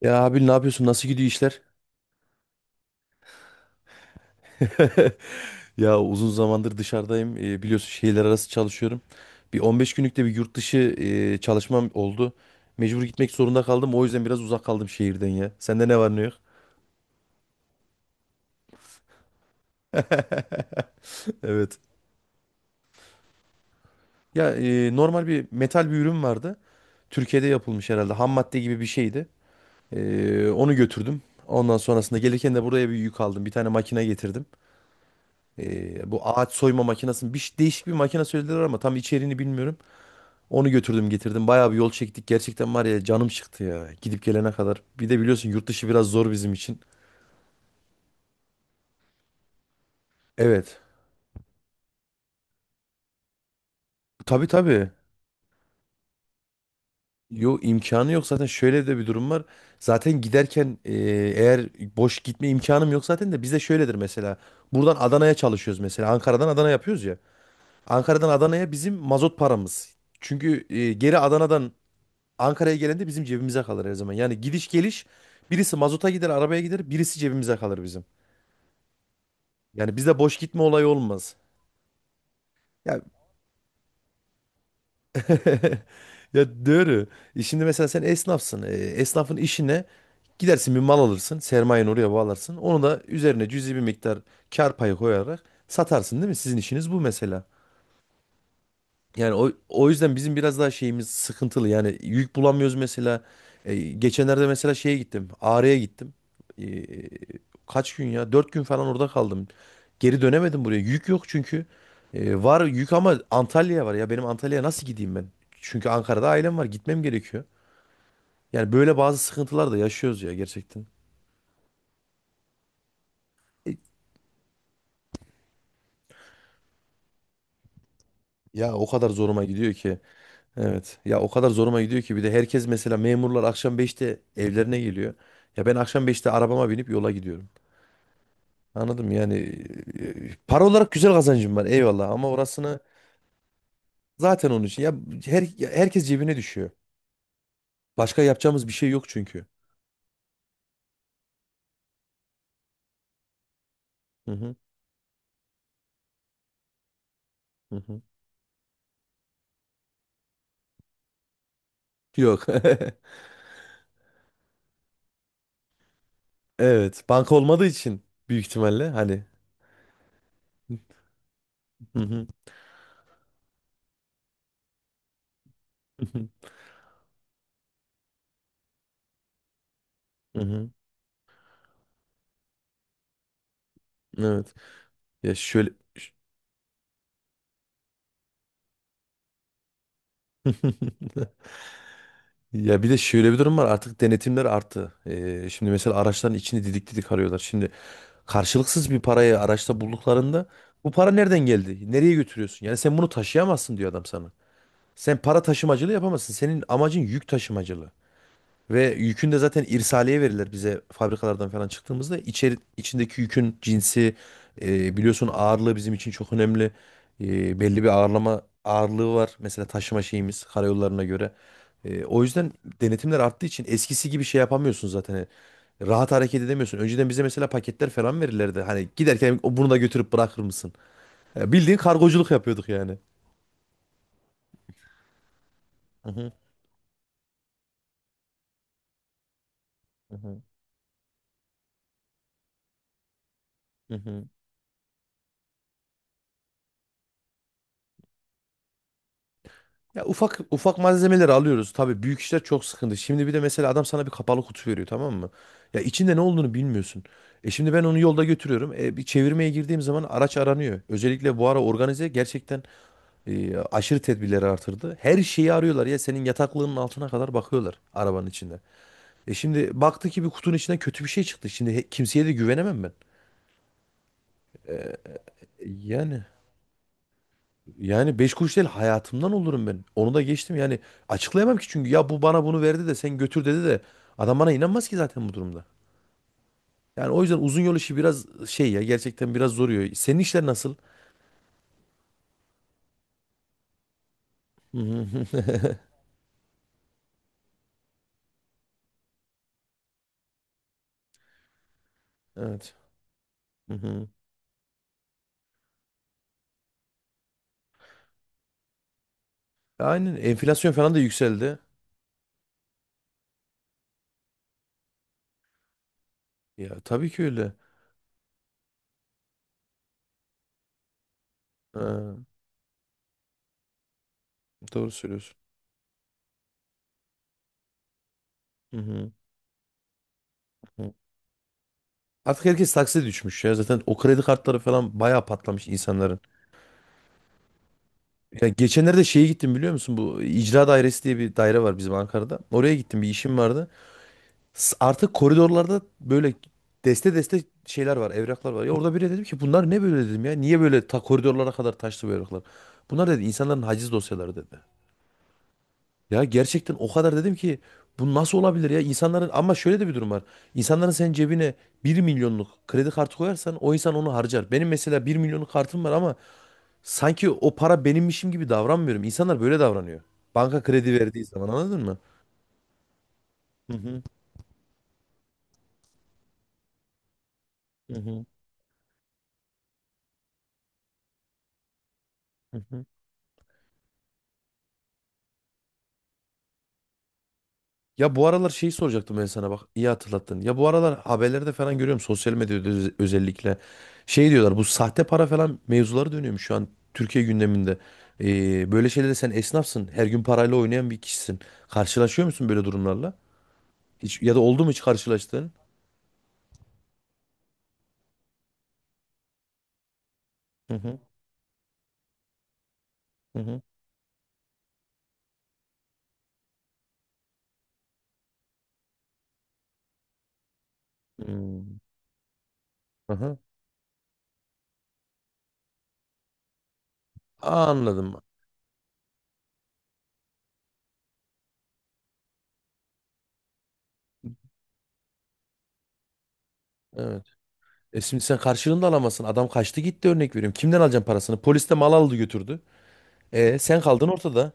Ya abi ne yapıyorsun? Nasıl gidiyor işler? Ya uzun zamandır dışarıdayım. Biliyorsun şehirler arası çalışıyorum. Bir 15 günlük de bir yurt dışı çalışmam oldu. Mecbur gitmek zorunda kaldım. O yüzden biraz uzak kaldım şehirden ya. Sende ne var ne yok? Evet. Ya normal bir metal bir ürün vardı. Türkiye'de yapılmış herhalde. Ham madde gibi bir şeydi. Onu götürdüm. Ondan sonrasında gelirken de buraya bir yük aldım. Bir tane makine getirdim. Bu ağaç soyma makinesi. Değişik bir makine söylediler ama tam içeriğini bilmiyorum. Onu götürdüm getirdim. Bayağı bir yol çektik. Gerçekten var ya canım çıktı ya. Gidip gelene kadar. Bir de biliyorsun yurt dışı biraz zor bizim için. Evet. Tabii tabii. Yo, imkanı yok zaten, şöyle de bir durum var. Zaten giderken eğer boş gitme imkanım yok zaten de bizde şöyledir mesela. Buradan Adana'ya çalışıyoruz mesela. Ankara'dan Adana yapıyoruz ya. Ankara'dan Adana'ya bizim mazot paramız. Çünkü geri Adana'dan Ankara'ya gelen de bizim cebimize kalır her zaman. Yani gidiş geliş birisi mazota gider, arabaya gider, birisi cebimize kalır bizim. Yani bize boş gitme olayı olmaz. Ya. Ya doğru. Şimdi mesela sen esnafsın. Esnafın işine gidersin, bir mal alırsın. Sermayeni oraya bağlarsın. Onu da üzerine cüzi bir miktar kar payı koyarak satarsın değil mi? Sizin işiniz bu mesela. Yani o yüzden bizim biraz daha şeyimiz sıkıntılı. Yani yük bulamıyoruz mesela. Geçenlerde mesela şeye gittim. Ağrı'ya gittim. E, Kaç gün ya? Dört gün falan orada kaldım. Geri dönemedim buraya. Yük yok çünkü. Var yük ama Antalya'ya var. Ya benim Antalya'ya nasıl gideyim ben? Çünkü Ankara'da ailem var. Gitmem gerekiyor. Yani böyle bazı sıkıntılar da yaşıyoruz ya gerçekten. E, Ya o kadar zoruma gidiyor ki. Evet. Ya o kadar zoruma gidiyor ki, bir de herkes mesela memurlar akşam beşte evlerine geliyor. Ya ben akşam beşte arabama binip yola gidiyorum. Anladım yani para olarak güzel kazancım var, eyvallah, ama orasını zaten onun için, ya herkes cebine düşüyor. Başka yapacağımız bir şey yok çünkü. Hı hı, hı hı. Yok. Evet, banka olmadığı için büyük ihtimalle hani. Hı hı, hı hı, hı hı. Evet. Ya şöyle. Ya bir de şöyle bir durum var, artık denetimler arttı. Şimdi mesela araçların içini didik didik arıyorlar. Şimdi karşılıksız bir parayı araçta bulduklarında bu para nereden geldi? Nereye götürüyorsun? Yani sen bunu taşıyamazsın diyor adam sana. Sen para taşımacılığı yapamazsın. Senin amacın yük taşımacılığı. Ve yükün de zaten irsaliye verirler bize fabrikalardan falan çıktığımızda. İçeri, içindeki yükün cinsi biliyorsun ağırlığı bizim için çok önemli. Belli bir ağırlama ağırlığı var. Mesela taşıma şeyimiz karayollarına göre. O yüzden denetimler arttığı için eskisi gibi şey yapamıyorsun zaten. Hani rahat hareket edemiyorsun. Önceden bize mesela paketler falan verirlerdi. Hani giderken, "O, bunu da götürüp bırakır mısın?" Ya bildiğin kargoculuk yapıyorduk yani. Hı hı, hı hı, hı hı. Ya ufak ufak malzemeleri alıyoruz. Tabii büyük işler çok sıkıntı. Şimdi bir de mesela adam sana bir kapalı kutu veriyor, tamam mı? Ya içinde ne olduğunu bilmiyorsun. E şimdi ben onu yolda götürüyorum. E bir çevirmeye girdiğim zaman araç aranıyor. Özellikle bu ara organize gerçekten aşırı tedbirleri artırdı. Her şeyi arıyorlar ya, senin yataklığının altına kadar bakıyorlar arabanın içinde. E şimdi baktı ki bir kutunun içinden kötü bir şey çıktı. Şimdi kimseye de güvenemem ben. E Yani Yani beş kuruş değil, hayatımdan olurum ben. Onu da geçtim yani, açıklayamam ki, çünkü ya bu bana bunu verdi de sen götür dedi de adam bana inanmaz ki zaten bu durumda. Yani o yüzden uzun yol işi biraz şey ya, gerçekten biraz zoruyor. Senin işler nasıl? Hı hı. Evet. Hı hı. Aynen, enflasyon falan da yükseldi. Ya tabii ki öyle. Ha, doğru söylüyorsun. Hı hı. Hı. Artık herkes taksiye düşmüş ya. Zaten o kredi kartları falan bayağı patlamış insanların. Ya geçenlerde şeye gittim, biliyor musun? Bu icra dairesi diye bir daire var bizim Ankara'da. Oraya gittim, bir işim vardı. Artık koridorlarda böyle deste deste şeyler var, evraklar var. Ya orada biri, dedim ki bunlar ne böyle dedim ya. Niye böyle ta koridorlara kadar taşlı bu evraklar? Bunlar dedi insanların haciz dosyaları dedi. Ya gerçekten o kadar dedim ki bu nasıl olabilir ya insanların? Ama şöyle de bir durum var. İnsanların senin cebine bir milyonluk kredi kartı koyarsan o insan onu harcar. Benim mesela bir milyonluk kartım var ama sanki o para benimmişim gibi davranmıyorum. İnsanlar böyle davranıyor. Banka kredi verdiği zaman anladın mı? Hı hı. Hı hı, hı hı. Ya bu aralar şeyi soracaktım ben sana, bak iyi hatırlattın. Ya bu aralar haberlerde falan görüyorum, sosyal medyada özellikle. Şey diyorlar, bu sahte para falan mevzuları dönüyormuş şu an Türkiye gündeminde. Böyle şeylere, sen esnafsın, her gün parayla oynayan bir kişisin. Karşılaşıyor musun böyle durumlarla? Hiç, ya da oldu mu hiç karşılaştığın? Hı hı, hı hı. Hmm, hı hı. Anladım. Evet. E şimdi sen karşılığını da alamazsın. Adam kaçtı gitti, örnek veriyorum. Kimden alacaksın parasını? Polis de mal aldı götürdü. E sen kaldın ortada.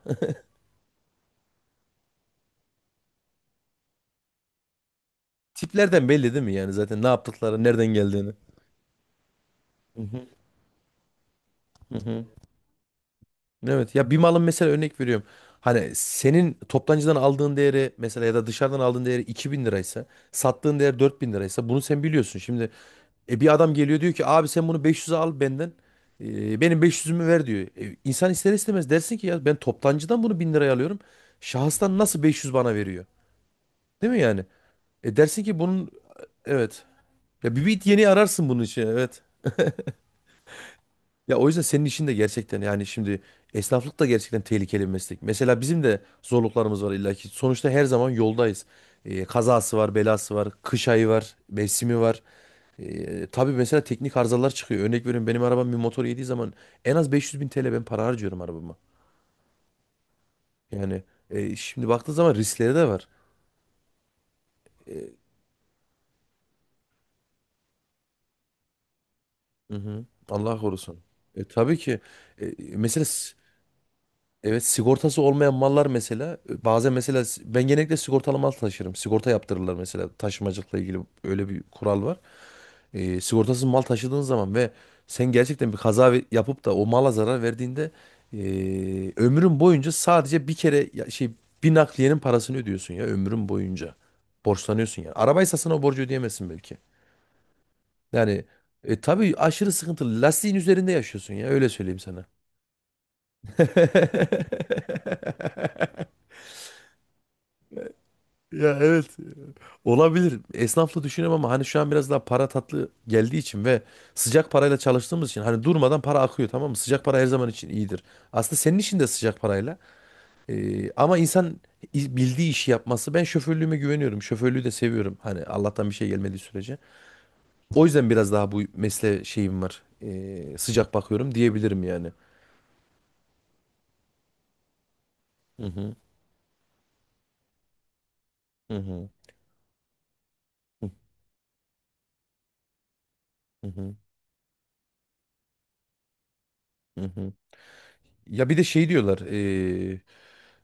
Tiplerden belli değil mi yani zaten ne yaptıkları, nereden geldiğini. Hı hı, hı hı. Evet ya, bir malın mesela, örnek veriyorum. Hani senin toptancıdan aldığın değeri mesela, ya da dışarıdan aldığın değeri 2000 liraysa, sattığın değer 4000 liraysa, bunu sen biliyorsun. Şimdi bir adam geliyor diyor ki abi sen bunu 500'e al benden, benim 500'ümü ver diyor. İnsan ister istemez dersin ki ya ben toptancıdan bunu 1000 liraya alıyorum. Şahıstan nasıl 500 bana veriyor? Değil mi yani? E dersin ki bunun, evet. Ya bir bit yeni ararsın bunun için, evet. Ya o yüzden senin işin de gerçekten, yani şimdi esnaflık da gerçekten tehlikeli bir meslek. Mesela bizim de zorluklarımız var illaki. Sonuçta her zaman yoldayız. Kazası var, belası var, kış ayı var, mevsimi var. Tabii mesela teknik arızalar çıkıyor. Örnek veriyorum, benim arabam bir motor yediği zaman en az 500 bin TL ben para harcıyorum arabama. Yani şimdi baktığın zaman riskleri de var. Hı hı. Allah korusun. Tabii ki. E, mesela Evet, sigortası olmayan mallar mesela bazen mesela ben genellikle sigortalı mal taşırım. Sigorta yaptırırlar mesela, taşımacılıkla ilgili öyle bir kural var. Sigortasız mal taşıdığın zaman ve sen gerçekten bir kaza yapıp da o mala zarar verdiğinde ömrün boyunca sadece bir kere bir nakliyenin parasını ödüyorsun ya ömrün boyunca. Borçlanıyorsun yani. Arabaysa sana o borcu ödeyemezsin belki. Yani tabii aşırı sıkıntılı. Lastiğin üzerinde yaşıyorsun ya, öyle söyleyeyim sana. Ya evet. Olabilir. Esnaflı düşünüyorum ama hani şu an biraz daha para tatlı geldiği için ve sıcak parayla çalıştığımız için hani durmadan para akıyor, tamam mı? Sıcak para her zaman için iyidir. Aslında senin için de sıcak parayla. Ama insan bildiği işi yapması. Ben şoförlüğüme güveniyorum. Şoförlüğü de seviyorum. Hani Allah'tan bir şey gelmediği sürece. O yüzden biraz daha bu mesleğe şeyim var. Sıcak bakıyorum diyebilirim yani. Hı hı. Hı hı. Hı hı. Hı hı. Ya bir de şey diyorlar.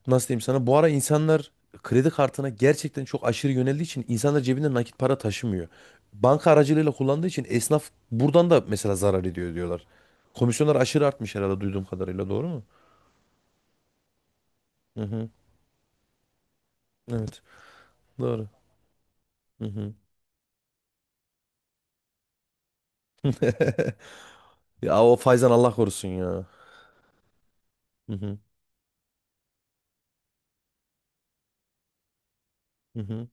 Nasıl diyeyim sana, bu ara insanlar kredi kartına gerçekten çok aşırı yöneldiği için insanlar cebinde nakit para taşımıyor. Banka aracılığıyla kullandığı için esnaf buradan da mesela zarar ediyor diyorlar. Komisyonlar aşırı artmış herhalde duyduğum kadarıyla, doğru mu? Hı hı. Evet. Doğru. Hı hı. Ya o faizden Allah korusun ya. Hı hı. Hı hı.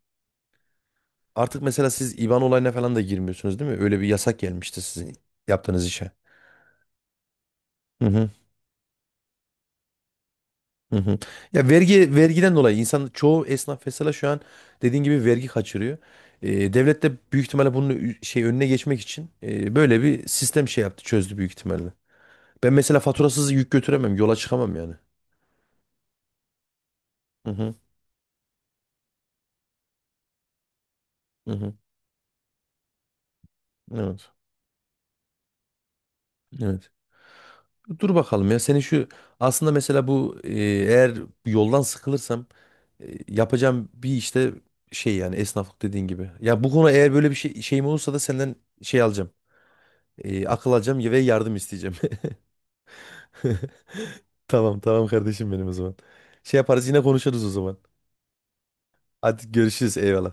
Artık mesela siz IBAN olayına falan da girmiyorsunuz değil mi? Öyle bir yasak gelmişti sizin yaptığınız işe. Hı hı. Hı hı. Ya vergiden dolayı insan çoğu esnaf mesela şu an dediğin gibi vergi kaçırıyor. Devlet de büyük ihtimalle bunun önüne geçmek için böyle bir sistem şey yaptı çözdü büyük ihtimalle. Ben mesela faturasız yük götüremem, yola çıkamam yani. Hı hı, hı hı. Evet. Evet. Dur bakalım ya senin şu, aslında mesela bu eğer yoldan sıkılırsam e, yapacağım bir işte şey yani esnaflık dediğin gibi. Ya bu konu, eğer böyle bir şey şeyim olursa, da senden şey alacağım. Akıl alacağım ve yardım isteyeceğim. Tamam tamam kardeşim benim o zaman. Şey yaparız, yine konuşuruz o zaman. Hadi görüşürüz, eyvallah.